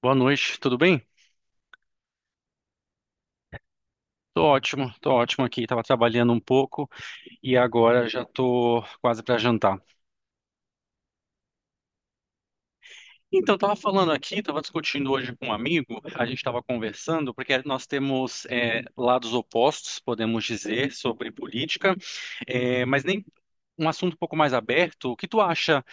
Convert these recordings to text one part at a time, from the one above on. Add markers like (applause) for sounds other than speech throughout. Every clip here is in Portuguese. Boa noite, tudo bem? Tô ótimo aqui. Tava trabalhando um pouco e agora já tô quase para jantar. Então, tava falando aqui, tava discutindo hoje com um amigo, a gente tava conversando, porque nós temos lados opostos, podemos dizer, sobre política, mas nem um assunto um pouco mais aberto. O que tu acha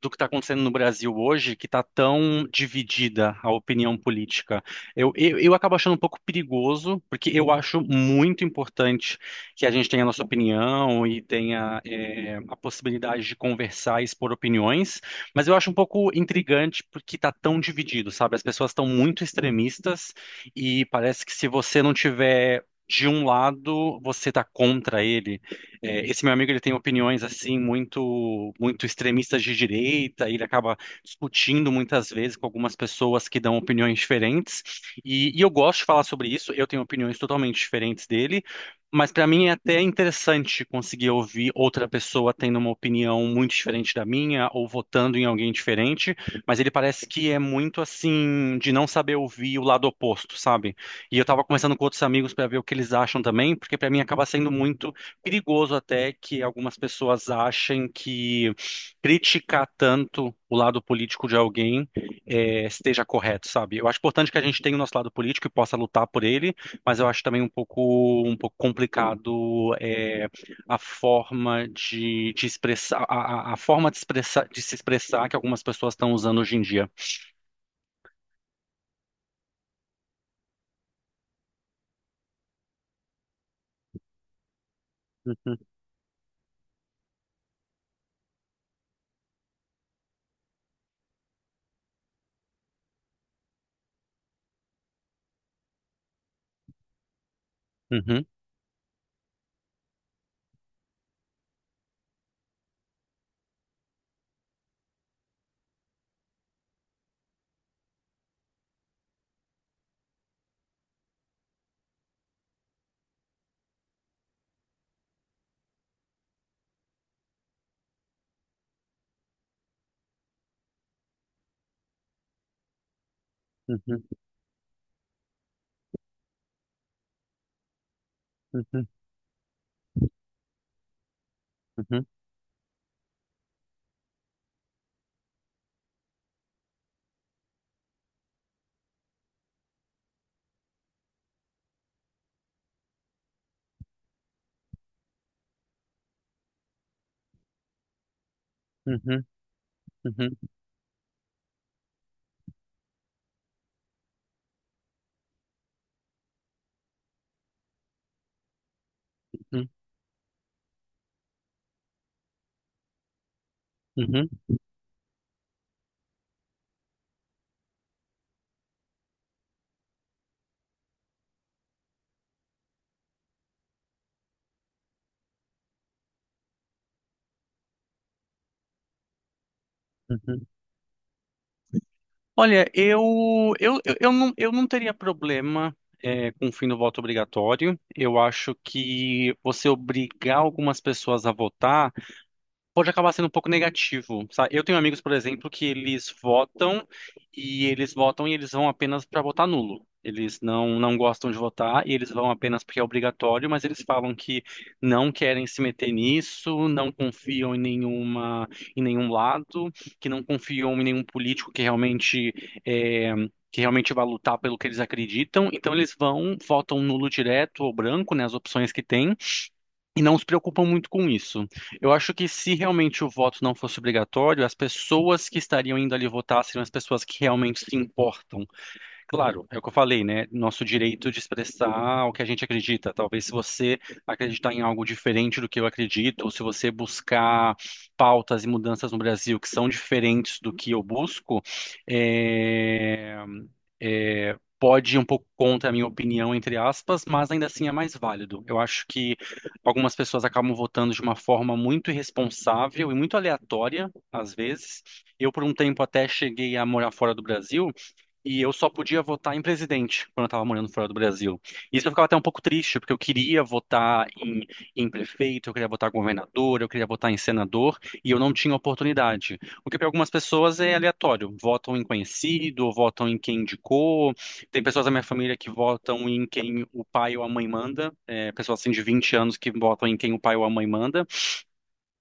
do que está acontecendo no Brasil hoje, que está tão dividida a opinião política. Eu acabo achando um pouco perigoso, porque eu acho muito importante que a gente tenha a nossa opinião e tenha a possibilidade de conversar e expor opiniões, mas eu acho um pouco intrigante porque está tão dividido, sabe? As pessoas estão muito extremistas e parece que se você não tiver de um lado, você está contra ele. É, esse meu amigo ele tem opiniões assim muito muito extremistas de direita, e ele acaba discutindo muitas vezes com algumas pessoas que dão opiniões diferentes. E eu gosto de falar sobre isso. Eu tenho opiniões totalmente diferentes dele, mas para mim é até interessante conseguir ouvir outra pessoa tendo uma opinião muito diferente da minha ou votando em alguém diferente. Mas ele parece que é muito assim de não saber ouvir o lado oposto, sabe? E eu tava conversando com outros amigos para ver o que eles acham também, porque para mim acaba sendo muito perigoso até que algumas pessoas achem que criticar tanto o lado político de alguém esteja correto, sabe? Eu acho importante que a gente tenha o nosso lado político e possa lutar por ele, mas eu acho também um pouco complicado, a forma de expressar a forma de se expressar que algumas pessoas estão usando hoje em dia. Uhum, uhum, uhum, uhum, uhum, uhum, uhum, uhum, uhum, uhum. Olha, eu não teria problema, com o fim do voto obrigatório. Eu acho que você obrigar algumas pessoas a votar pode acabar sendo um pouco negativo, sabe? Eu tenho amigos, por exemplo, que eles votam e eles vão apenas para votar nulo. Eles não gostam de votar e eles vão apenas porque é obrigatório, mas eles falam que não querem se meter nisso, não confiam em nenhuma, em nenhum lado, que não confiam em nenhum político que é, realmente vai lutar pelo que eles acreditam. Então eles votam nulo direto ou branco, né, as opções que tem e não se preocupam muito com isso. Eu acho que se realmente o voto não fosse obrigatório, as pessoas que estariam indo ali votar seriam as pessoas que realmente se importam. Claro, é o que eu falei, né? Nosso direito de expressar o que a gente acredita. Talvez se você acreditar em algo diferente do que eu acredito, ou se você buscar pautas e mudanças no Brasil que são diferentes do que eu busco, eh, pode ir um pouco contra a minha opinião, entre aspas, mas ainda assim é mais válido. Eu acho que algumas pessoas acabam votando de uma forma muito irresponsável e muito aleatória, às vezes. Eu, por um tempo, até cheguei a morar fora do Brasil. E eu só podia votar em presidente quando eu estava morando fora do Brasil. Isso eu ficava até um pouco triste, porque eu queria votar em prefeito, eu queria votar em governador, eu queria votar em senador, e eu não tinha oportunidade. O que para algumas pessoas é aleatório. Votam em conhecido, votam em quem indicou. Tem pessoas da minha família que votam em quem o pai ou a mãe manda. É, pessoas assim de 20 anos que votam em quem o pai ou a mãe manda,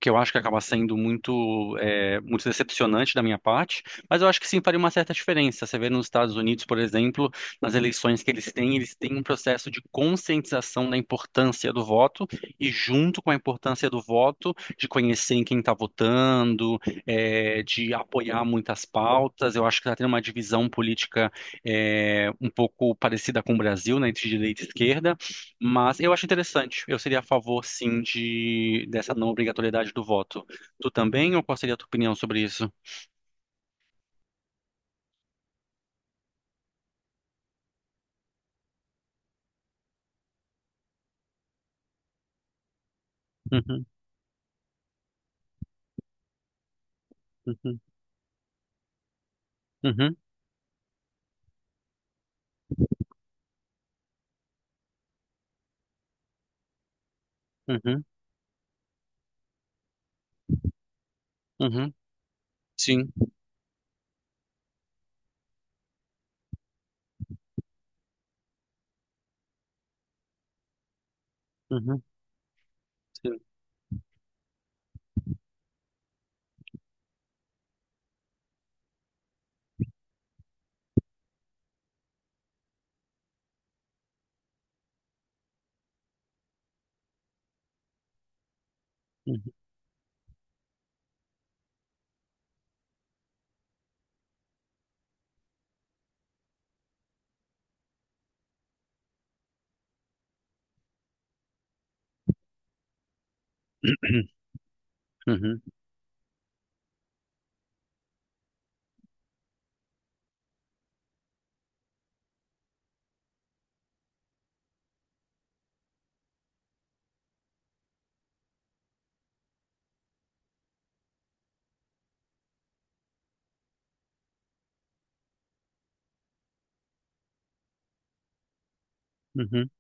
que eu acho que acaba sendo muito decepcionante da minha parte, mas eu acho que sim faria uma certa diferença. Você vê nos Estados Unidos, por exemplo, nas eleições que eles têm um processo de conscientização da importância do voto e, junto com a importância do voto, de conhecer em quem está votando, de apoiar muitas pautas. Eu acho que está tendo uma divisão política, um pouco parecida com o Brasil, né, entre direita e esquerda, mas eu acho interessante. Eu seria a favor, sim, de dessa não obrigatoriedade do voto. Tu também, ou qual seria a tua opinião sobre isso? Uhum, uhum, uhum, uhum, uhum. Sim. Uhum, sim. Uhum, (clears throat) uhum, uhum,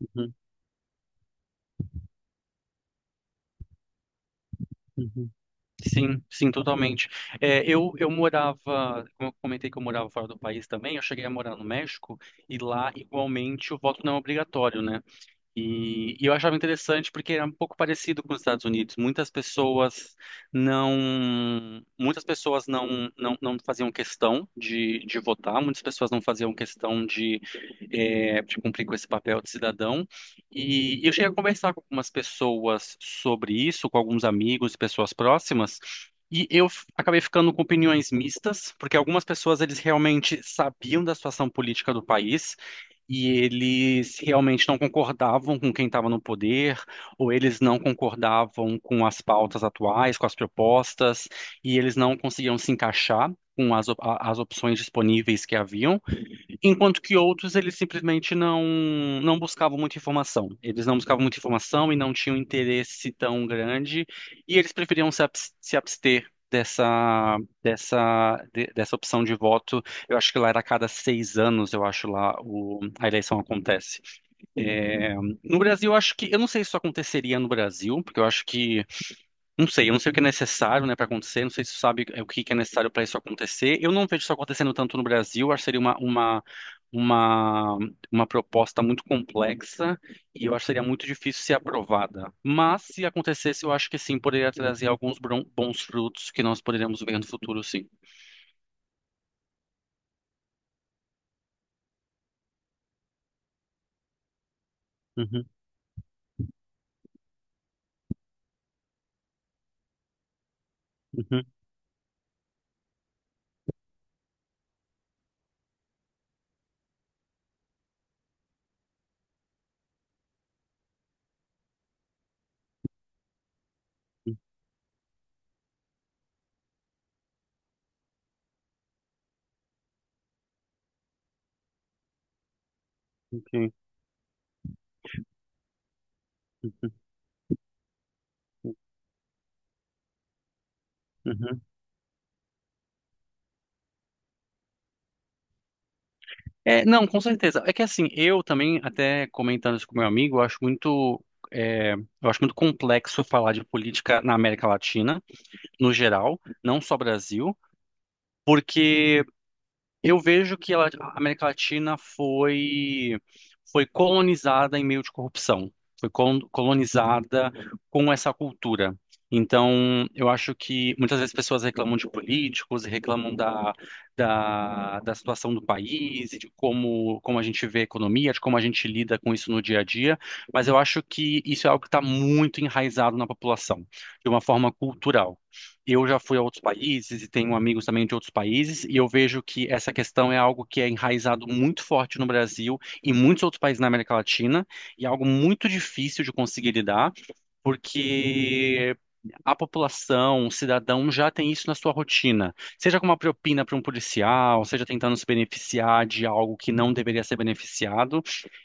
uhum, uhum. Sim, sim, totalmente. É, eu morava, como eu comentei que eu morava fora do país também, eu cheguei a morar no México e lá igualmente o voto não é obrigatório, né? E eu achava interessante porque era um pouco parecido com os Estados Unidos. Muitas pessoas não faziam questão de votar, muitas pessoas não faziam questão de cumprir com esse papel de cidadão. E eu cheguei a conversar com algumas pessoas sobre isso, com alguns amigos e pessoas próximas. E eu acabei ficando com opiniões mistas, porque algumas pessoas eles realmente sabiam da situação política do país, e eles realmente não concordavam com quem estava no poder, ou eles não concordavam com as pautas atuais, com as propostas, e eles não conseguiam se encaixar com as opções disponíveis que haviam. Enquanto que outros, eles simplesmente não buscavam muita informação. Eles não buscavam muita informação e não tinham interesse tão grande, e eles preferiam se abster dessa opção de voto. Eu acho que lá era a cada 6 anos, eu acho lá a eleição acontece. No Brasil, eu acho que, eu não sei se isso aconteceria no Brasil, porque eu acho que não sei, eu não sei o que é necessário, né, para acontecer, não sei se você sabe o que que é necessário para isso acontecer. Eu não vejo isso acontecendo tanto no Brasil, acho que seria uma, uma proposta muito complexa e eu acho que seria muito difícil ser aprovada. Mas se acontecesse, eu acho que sim, poderia trazer alguns bons frutos que nós poderíamos ver no futuro, sim. Uhum, uhum, ok. Uhum, uhum. É, não, com certeza. É que assim, eu também, até comentando isso com meu amigo, eu acho muito complexo falar de política na América Latina, no geral, não só Brasil, porque eu vejo que a América Latina foi colonizada em meio de corrupção, foi colonizada com essa cultura. Então, eu acho que muitas vezes pessoas reclamam de políticos, e reclamam da situação do país, e de como a gente vê a economia, de como a gente lida com isso no dia a dia, mas eu acho que isso é algo que está muito enraizado na população, de uma forma cultural. Eu já fui a outros países e tenho amigos também de outros países, e eu vejo que essa questão é algo que é enraizado muito forte no Brasil e em muitos outros países na América Latina, e é algo muito difícil de conseguir lidar porque a população, o cidadão já tem isso na sua rotina, seja com uma propina para um policial, seja tentando se beneficiar de algo que não deveria ser beneficiado.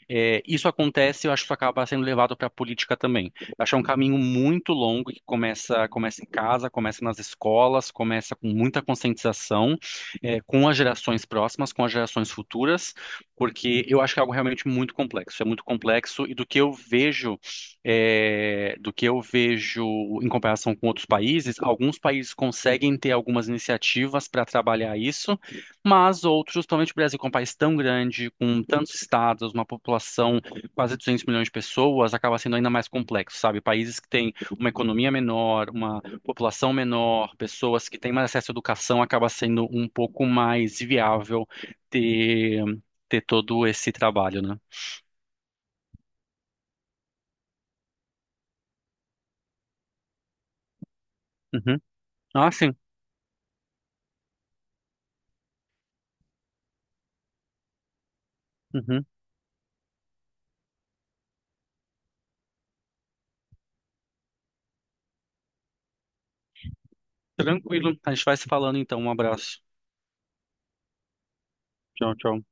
É, isso acontece, eu acho que isso acaba sendo levado para a política também. Eu acho que é um caminho muito longo que começa em casa, começa nas escolas, começa com muita conscientização, com as gerações próximas, com as gerações futuras, porque eu acho que é algo realmente muito complexo. É muito complexo e do que eu vejo é, do que eu vejo em comparação com outros países, alguns países conseguem ter algumas iniciativas para trabalhar isso, mas outros, principalmente o Brasil, que é um país tão grande, com tantos estados, uma população quase 200 milhões de pessoas, acaba sendo ainda mais complexo, sabe? Países que têm uma economia menor, uma população menor, pessoas que têm mais acesso à educação, acaba sendo um pouco mais viável ter, ter todo esse trabalho, né? Uhum. Ah, sim. Uhum. Tranquilo. A gente vai se falando então. Um abraço. Tchau, tchau.